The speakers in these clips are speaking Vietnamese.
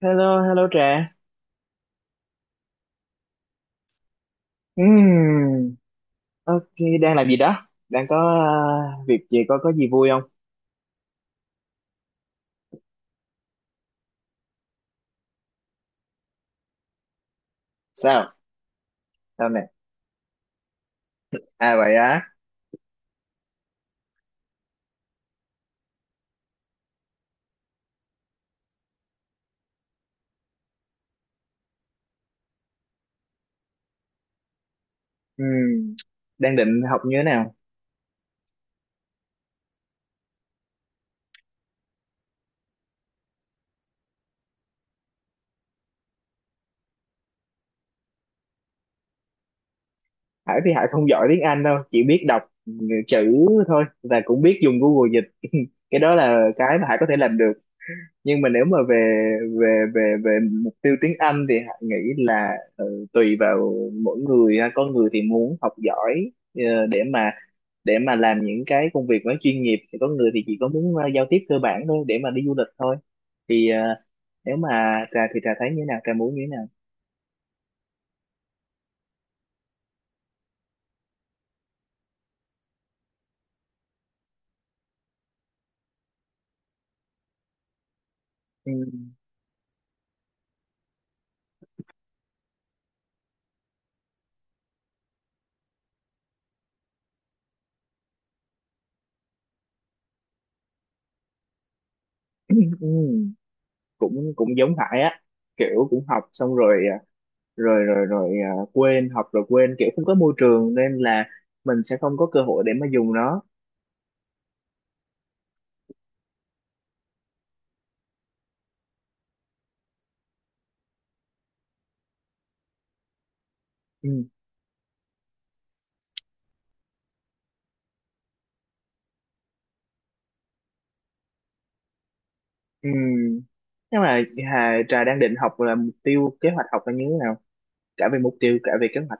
Hello, hello Trà. Ừm, ok, đang làm gì đó? Đang có việc gì, có gì vui không? Sao? Sao nè? À vậy á. Ừm, đang định học như thế nào? Hải thì Hải không giỏi tiếng Anh đâu, chỉ biết đọc chữ thôi và cũng biết dùng Google dịch. Cái đó là cái mà Hải có thể làm được. Nhưng mà nếu mà về về mục tiêu tiếng Anh thì Hải nghĩ là tùy vào mỗi người ha. Có người thì muốn học giỏi để mà làm những cái công việc nó chuyên nghiệp thì có người thì chỉ có muốn giao tiếp cơ bản thôi để mà đi du lịch thôi thì nếu mà trà thì trà thấy như thế nào, trà muốn như thế nào? Ừ. Ừ, cũng cũng giống Hải á, kiểu cũng học xong rồi, rồi quên, học rồi quên, kiểu không có môi trường nên là mình sẽ không có cơ hội để mà dùng nó. Ừ, Ừ. nhưng mà Hà trà đang định học là mục tiêu kế hoạch học là như thế nào, cả về mục tiêu cả về kế hoạch?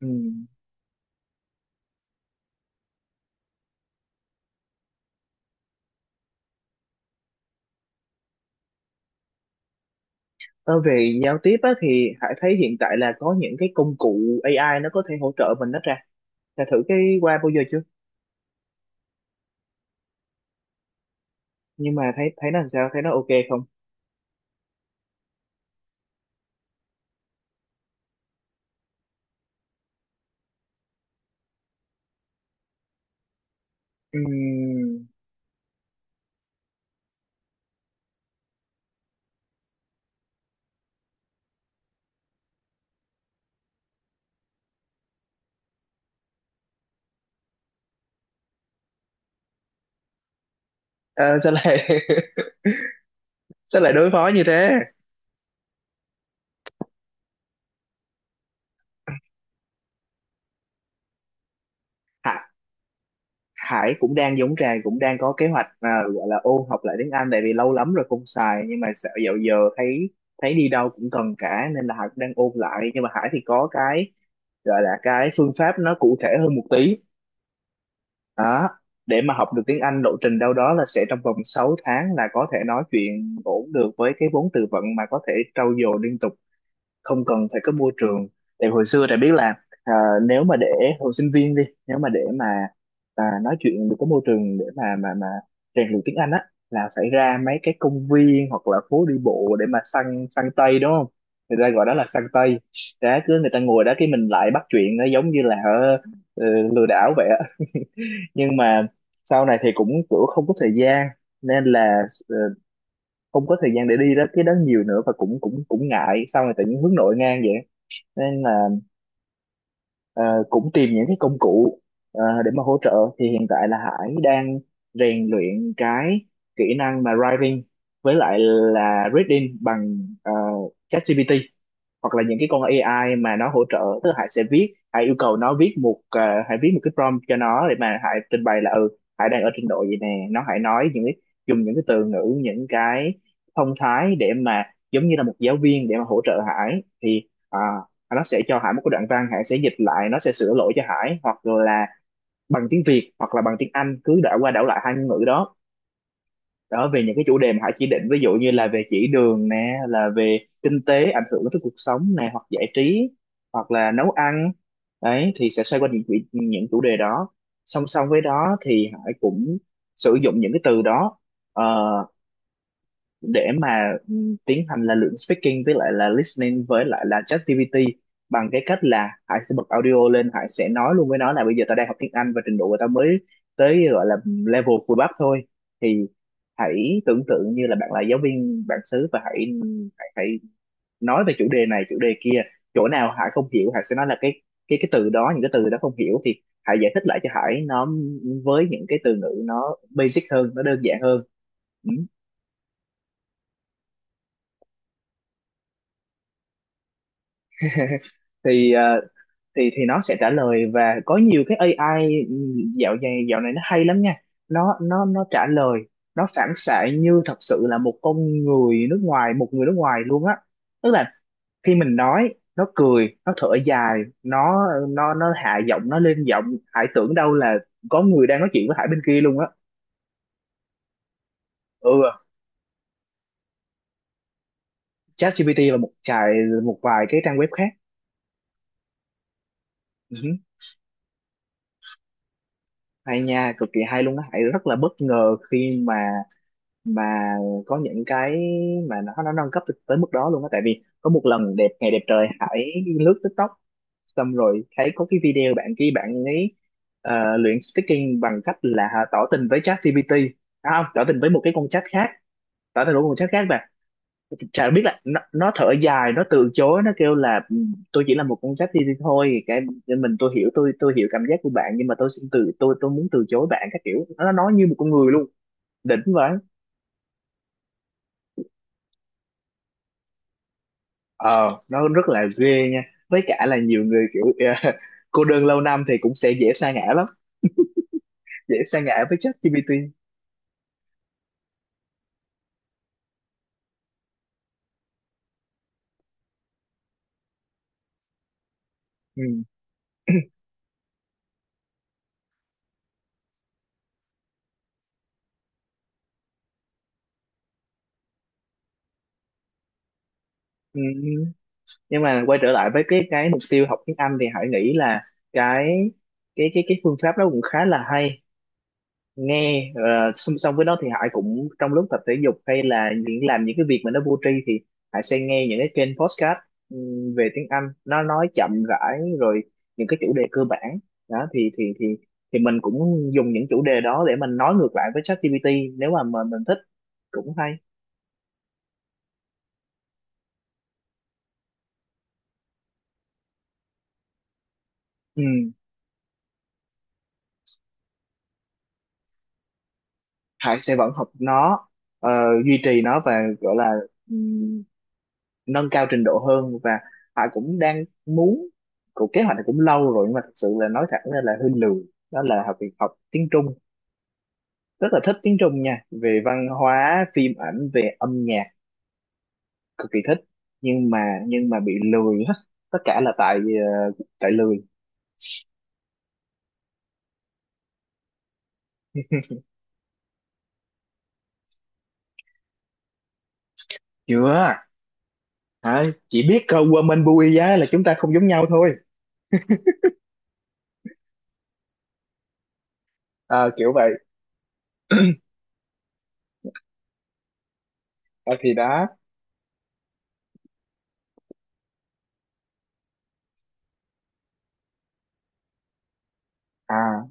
Ừ. Ờ, về giao tiếp á, thì Hải thấy hiện tại là có những cái công cụ AI nó có thể hỗ trợ mình đó ra. Đã thử cái qua bao giờ chưa? Nhưng mà thấy, thấy nó làm sao? Thấy nó ok không? Ừm, ờ, sao lại sao lại đối phó như thế? Hải, Hải cũng đang giống Trà, cũng đang có kế hoạch gọi là ôn học lại tiếng Anh tại vì lâu lắm rồi không xài, nhưng mà sợ dạo giờ thấy thấy đi đâu cũng cần cả nên là Hải cũng đang ôn lại. Nhưng mà Hải thì có cái gọi là cái phương pháp nó cụ thể hơn một tí đó, để mà học được tiếng Anh. Lộ trình đâu đó là sẽ trong vòng 6 tháng là có thể nói chuyện ổn được, với cái vốn từ vựng mà có thể trau dồi liên tục không cần phải có môi trường. Tại hồi xưa Trà biết là à, nếu mà để hồi sinh viên đi, nếu mà để mà nói chuyện được, có môi trường để mà mà rèn luyện tiếng Anh á, là phải ra mấy cái công viên hoặc là phố đi bộ để mà săn, săn tây, đúng không? Người ta gọi đó là săn tây. Đó, cứ người ta ngồi đó cái mình lại bắt chuyện, nó giống như là ờ, lừa đảo vậy á. Nhưng mà sau này thì cũng kiểu không có thời gian, nên là ờ, không có thời gian để đi đó cái đó nhiều nữa, và cũng cũng cũng ngại. Sau này tự nhiên hướng nội ngang vậy, nên là ờ, cũng tìm những cái công cụ để mà hỗ trợ. Thì hiện tại là Hải đang rèn luyện cái kỹ năng mà writing với lại là reading bằng ChatGPT hoặc là những cái con AI mà nó hỗ trợ. Tức là Hải sẽ viết, Hải yêu cầu nó viết một Hải viết một cái prompt cho nó, để mà Hải trình bày là ừ Hải đang ở trình độ gì nè, nó Hải nói những cái, dùng những cái từ ngữ những cái thông thái để mà giống như là một giáo viên để mà hỗ trợ Hải. Thì nó sẽ cho Hải một cái đoạn văn, Hải sẽ dịch lại, nó sẽ sửa lỗi cho Hải, hoặc là bằng tiếng Việt hoặc là bằng tiếng Anh, cứ đảo qua đảo lại hai ngôn ngữ đó. Đó, về những cái chủ đề mà họ chỉ định, ví dụ như là về chỉ đường nè, là về kinh tế ảnh hưởng tới cuộc sống nè, hoặc giải trí hoặc là nấu ăn. Đấy, thì sẽ xoay quanh những những chủ đề đó. Song song với đó thì Hải cũng sử dụng những cái từ đó ờ, để mà ừ, tiến hành là lượng speaking với lại là listening với lại là ChatGPT, bằng cái cách là Hải sẽ bật audio lên, Hải sẽ nói luôn với nó là bây giờ tao đang học tiếng Anh và trình độ của tao mới tới, gọi là level vừa bắp thôi. Thì hãy tưởng tượng như là bạn là giáo viên bản xứ và hãy hãy nói về chủ đề này chủ đề kia. Chỗ nào Hải không hiểu Hải sẽ nói là cái cái từ đó, những cái từ đó không hiểu, thì Hải giải thích lại cho Hải nó, với những cái từ ngữ nó basic hơn, nó đơn giản hơn. Ừ. Thì thì nó sẽ trả lời. Và có nhiều cái AI dạo này, dạo này nó hay lắm nha. Nó trả lời, nó phản xạ như thật sự là một con người nước ngoài, một người nước ngoài luôn á. Tức là khi mình nói nó cười, nó thở dài, nó hạ giọng, nó lên giọng. Hải tưởng đâu là có người đang nói chuyện với Hải bên kia luôn á. Ừ, ChatGPT và một vài cái trang web khác. Ừ, hay nha, cực kỳ hay luôn á. Hải rất là bất ngờ khi mà có những cái mà nó nâng cấp tới tới mức đó luôn á. Tại vì có một lần đẹp ngày đẹp trời Hải lướt TikTok xong rồi thấy có cái video bạn kia, bạn ấy luyện speaking bằng cách là tỏ tình với ChatGPT. Không, tỏ tình với một cái con chat khác, tỏ tình với một con chat khác. Và chả biết là nó thở dài, nó từ chối, nó kêu là "Ừ, tôi chỉ là một con chat GPT thôi, cái mình tôi hiểu, tôi hiểu cảm giác của bạn, nhưng mà tôi xin từ, tôi muốn từ chối bạn", các kiểu. Nó nói như một con người luôn, đỉnh vậy. Ờ, nó rất là ghê nha. Với cả là nhiều người kiểu ờ, cô đơn lâu năm thì cũng sẽ dễ sa ngã lắm, dễ sa ngã với ChatGPT. Ừ. Ừ, nhưng mà quay trở lại với cái mục tiêu học tiếng Anh, thì Hải nghĩ là cái cái cái phương pháp đó cũng khá là hay nghe. Ờ, Song song với đó thì Hải cũng trong lúc tập thể dục hay là những làm những cái việc mà nó vô tri thì Hải sẽ nghe những cái kênh podcast về tiếng Anh, nó nói chậm rãi rồi những cái chủ đề cơ bản đó. Thì thì mình cũng dùng những chủ đề đó để mình nói ngược lại với ChatGPT, nếu mà mình thích, cũng hay. Ừ. Hải sẽ vẫn học nó, ờ, duy trì nó và gọi là nâng cao trình độ hơn. Và họ cũng đang muốn, cuộc kế hoạch này cũng lâu rồi nhưng mà thật sự là nói thẳng ra là hơi lười, đó là học, việc học tiếng Trung. Rất là thích tiếng Trung nha, về văn hóa phim ảnh, về âm nhạc, cực kỳ thích. Nhưng mà nhưng mà bị lười hết. Tất cả là tại tại lười. Chưa, hả? Chỉ biết Woman Bui giá là chúng ta không giống nhau thôi. Ờ, kiểu vậy. Ờ, thì đó. À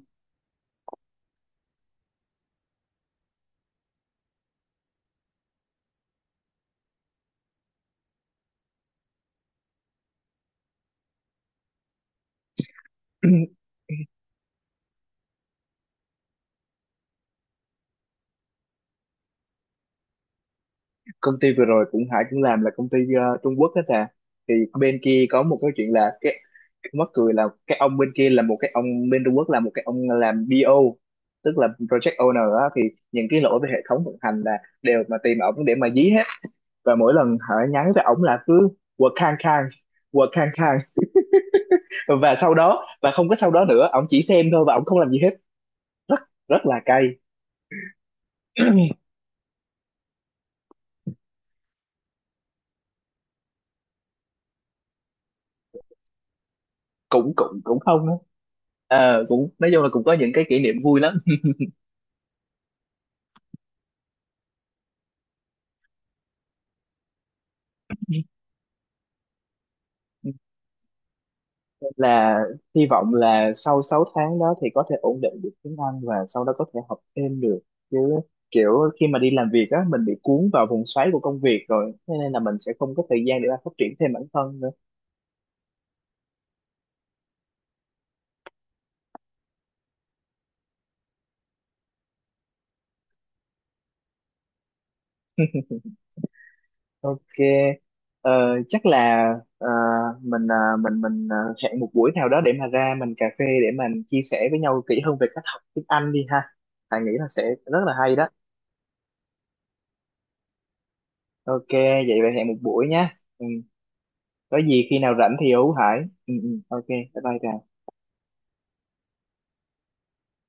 Công ty vừa rồi cũng, Hải cũng làm là công ty Trung Quốc hết à. Thì bên kia có một cái chuyện là cái mắc cười là cái ông bên kia là một cái ông bên Trung Quốc, là một cái ông làm BO, tức là Project Owner á. Thì những cái lỗi về hệ thống vận hành là đều mà tìm ổng để mà dí hết. Và mỗi lần Hải nhắn với ổng là cứ work khang khang, work khang khang. Và sau đó, và không có sau đó nữa, ổng chỉ xem thôi và ổng không làm gì hết. Rất Rất là cay. Cũng cũng cũng không á. Ờ, cũng nói chung là cũng có những cái kỷ niệm vui lắm. Nên là hy vọng là sau 6 tháng đó thì có thể ổn định được tiếng Anh và sau đó có thể học thêm được. Chứ kiểu khi mà đi làm việc á mình bị cuốn vào vòng xoáy của công việc rồi, thế nên là mình sẽ không có thời gian để mà phát triển thêm bản thân nữa. Ok, ờ, chắc là ờ, mình mình hẹn một buổi nào đó để mà ra mình cà phê, để mình chia sẻ với nhau kỹ hơn về cách học tiếng Anh đi ha. Thà nghĩ là sẽ rất là hay đó. Ok, vậy vậy hẹn một buổi nha. Ừ, có gì khi nào rảnh thì hú Hải. Ok, bye bye Trà.